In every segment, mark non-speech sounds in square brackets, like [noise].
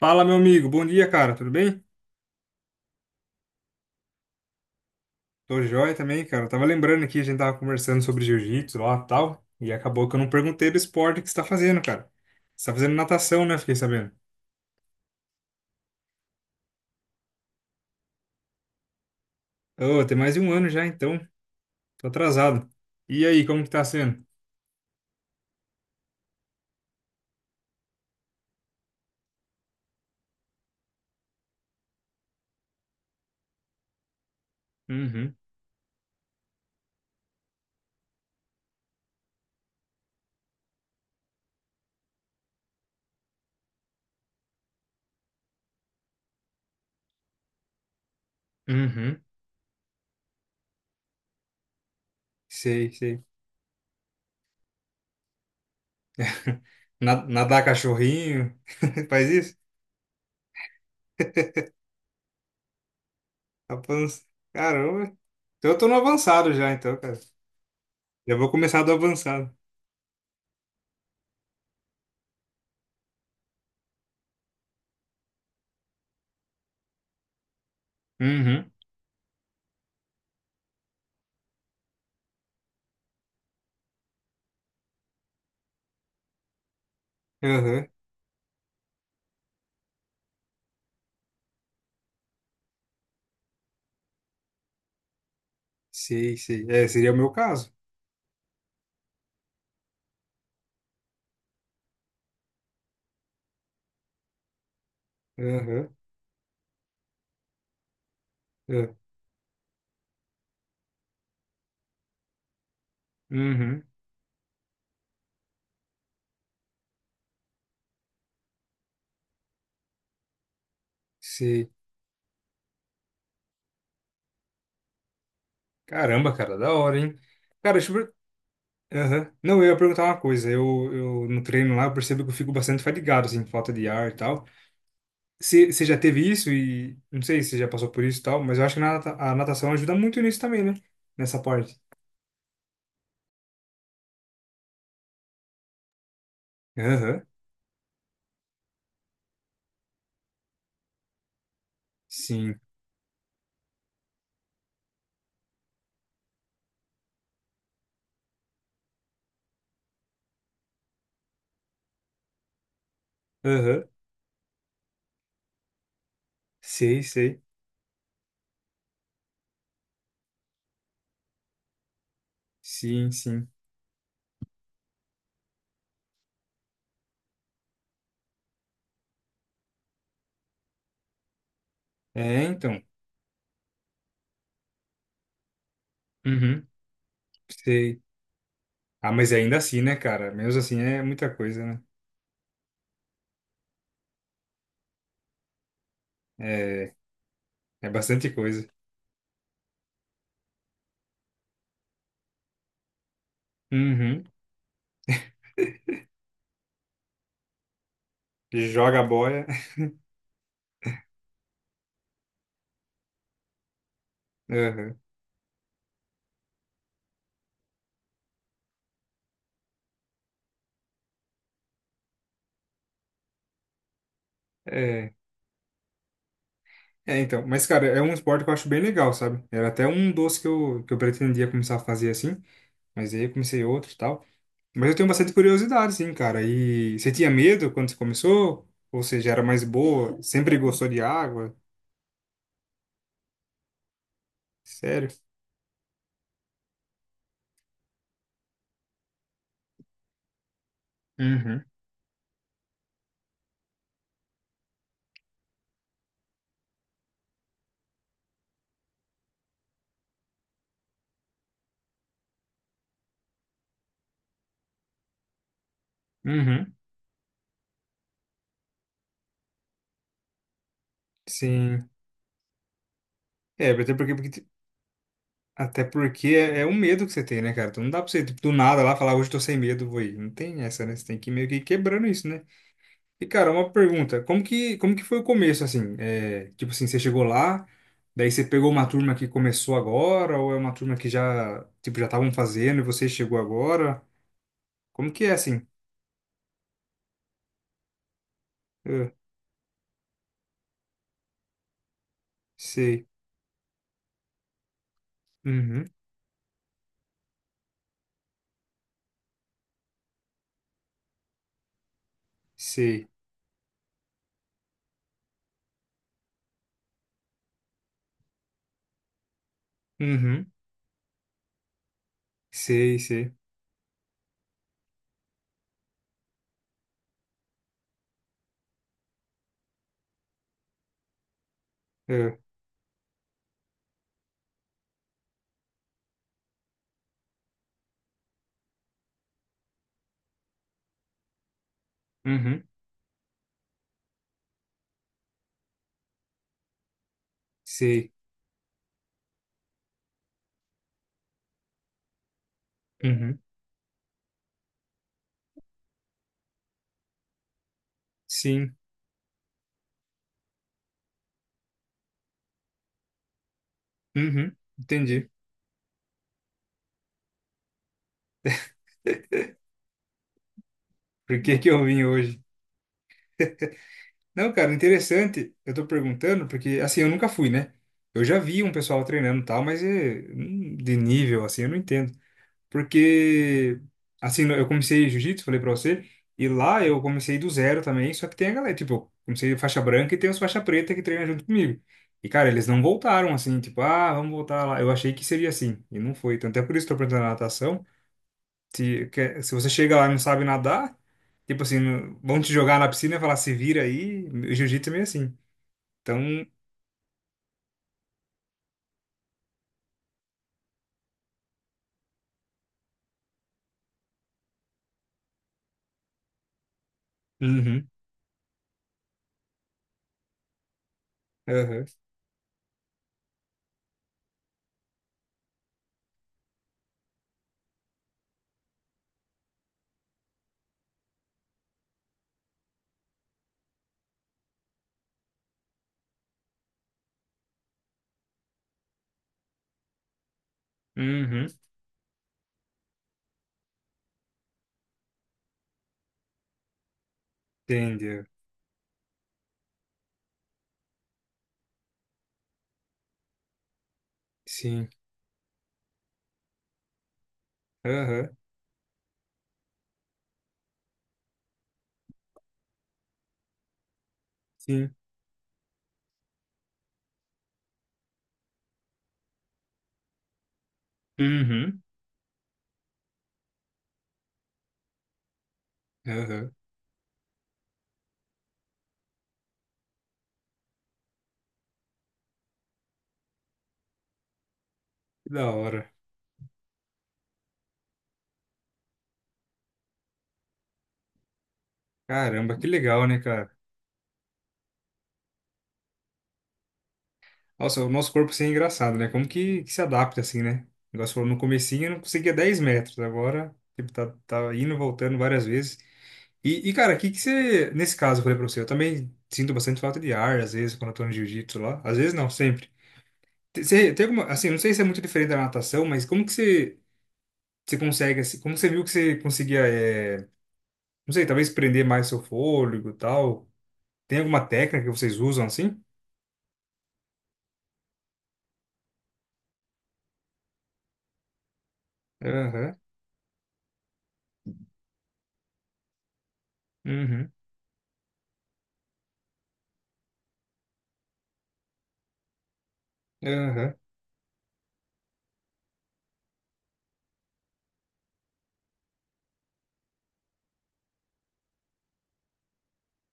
Fala, meu amigo. Bom dia, cara. Tudo bem? Tô joia também, cara. Eu tava lembrando aqui, a gente tava conversando sobre jiu-jitsu lá e tal, e acabou que eu não perguntei do esporte que você tá fazendo, cara. Você tá fazendo natação, né? Fiquei sabendo. Ô, tem mais de um ano já, então. Tô atrasado. E aí, como que tá sendo? Uhum, uhum. Sei, sei. [laughs] Nadar cachorrinho. [laughs] Faz isso? Avança. Caramba. Então eu tô no avançado já, então, cara. Já vou começar do avançado. Uhum. Aham. Sei, sei. É, seria o meu caso. Aham, é, uhum, sei. Caramba, cara, da hora, hein? Cara, deixa eu... per- Aham. Não, eu ia perguntar uma coisa. Eu no treino lá, eu percebo que eu fico bastante fadigado, assim, falta de ar e tal. Você já teve isso e... Não sei se você já passou por isso e tal, mas eu acho que a natação ajuda muito nisso também, né? Nessa parte. Aham, sim. Aham, sei, sei. Sim, sim. É, então. Uhum, sei. Ah, mas ainda assim, né, cara? Mesmo assim é muita coisa, né? É, é bastante coisa. Uhum. Joga a boia. [laughs] Aham. É. É, então. Mas, cara, é um esporte que eu acho bem legal, sabe? Era até um doce que eu pretendia começar a fazer assim, mas aí eu comecei outro e tal. Mas eu tenho bastante curiosidade, sim, cara. E você tinha medo quando você começou? Ou seja, era mais boa? Sempre gostou de água? Sério? Uhum. Uhum. Sim. É, até porque é, é um medo que você tem, né, cara? Então não dá pra você, tipo, do nada lá falar, hoje eu tô sem medo, vou ir. Não tem essa, né? Você tem que ir meio que ir quebrando isso, né? E, cara, uma pergunta. Como que foi o começo, assim? É, tipo assim, você chegou lá, daí você pegou uma turma que começou agora, ou é uma turma que já, tipo, já estavam fazendo e você chegou agora? Como que é, assim? Ah, sei. Uhum. Sei. Uhum. Sei, sei. Ah, uhum. Sei. Uhum. Sim. Uhum. Entendi. [laughs] Por que que eu vim hoje? Não, cara, interessante. Eu tô perguntando porque, assim, eu nunca fui, né? Eu já vi um pessoal treinando e tal, mas é, de nível, assim, eu não entendo. Porque, assim, eu comecei jiu-jitsu, falei pra você, e lá eu comecei do zero também, só que tem a galera, tipo, eu comecei faixa branca e tem os faixa preta que treinam junto comigo. E, cara, eles não voltaram, assim, tipo, ah, vamos voltar lá. Eu achei que seria assim, e não foi. Então, até por isso que eu tô perguntando na natação. Se você chega lá e não sabe nadar, tipo assim, vão te jogar na piscina e falar, se vira aí. O jiu-jitsu é meio assim. Então, uhum, aham, uhum, entendeu? Sim, aham, sim, uhum, aham. Que da hora. Caramba, que legal, né, cara? Nossa, o nosso corpo assim é engraçado, né? Como que se adapta assim, né? O negócio falou, no comecinho eu não conseguia 10 metros, agora, tipo, tá, tá indo e voltando várias vezes. Cara, o que que você, nesse caso, eu falei pra você, eu também sinto bastante falta de ar, às vezes, quando eu tô no jiu-jitsu lá. Às vezes não, sempre. Você tem alguma, assim, não sei se é muito diferente da natação, mas como que você, você consegue, assim, como você viu que você conseguia, é, não sei, talvez prender mais seu fôlego e tal? Tem alguma técnica que vocês usam assim? Aham, uhum, aham,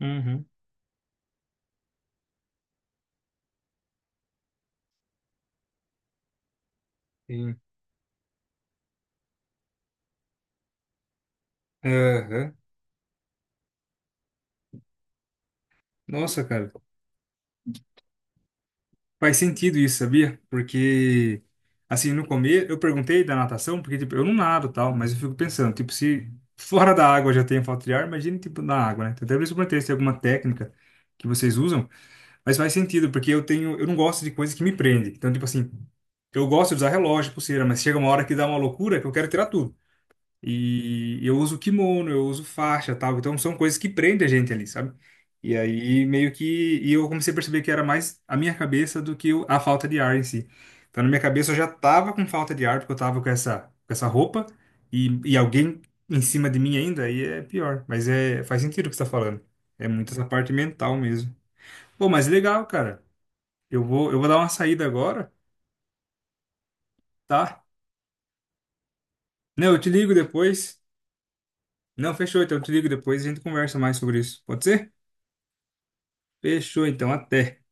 aham, uhum, sim, aham. Nossa, cara. Faz sentido isso, sabia? Porque, assim, no começo, eu perguntei da natação, porque, tipo, eu não nado e tal, mas eu fico pensando, tipo, se fora da água eu já tenho falta de ar, imagina, tipo, na água, né? Então, até por isso eu perguntei se tem alguma técnica que vocês usam, mas faz sentido, porque eu tenho, eu não gosto de coisa que me prende. Então, tipo assim, eu gosto de usar relógio, pulseira, mas chega uma hora que dá uma loucura que eu quero tirar tudo. E eu uso kimono, eu uso faixa, tal. Então são coisas que prendem a gente ali, sabe? E aí meio que e eu comecei a perceber que era mais a minha cabeça do que a falta de ar em si. Então na minha cabeça eu já tava com falta de ar porque eu tava com essa roupa e alguém em cima de mim ainda, aí é pior. Mas é faz sentido o que você tá falando. É muito essa parte mental mesmo. Pô, mas legal, cara. Eu vou dar uma saída agora, tá? Não, eu te ligo depois. Não, fechou, então eu te ligo depois e a gente conversa mais sobre isso. Pode ser? Fechou, então, até.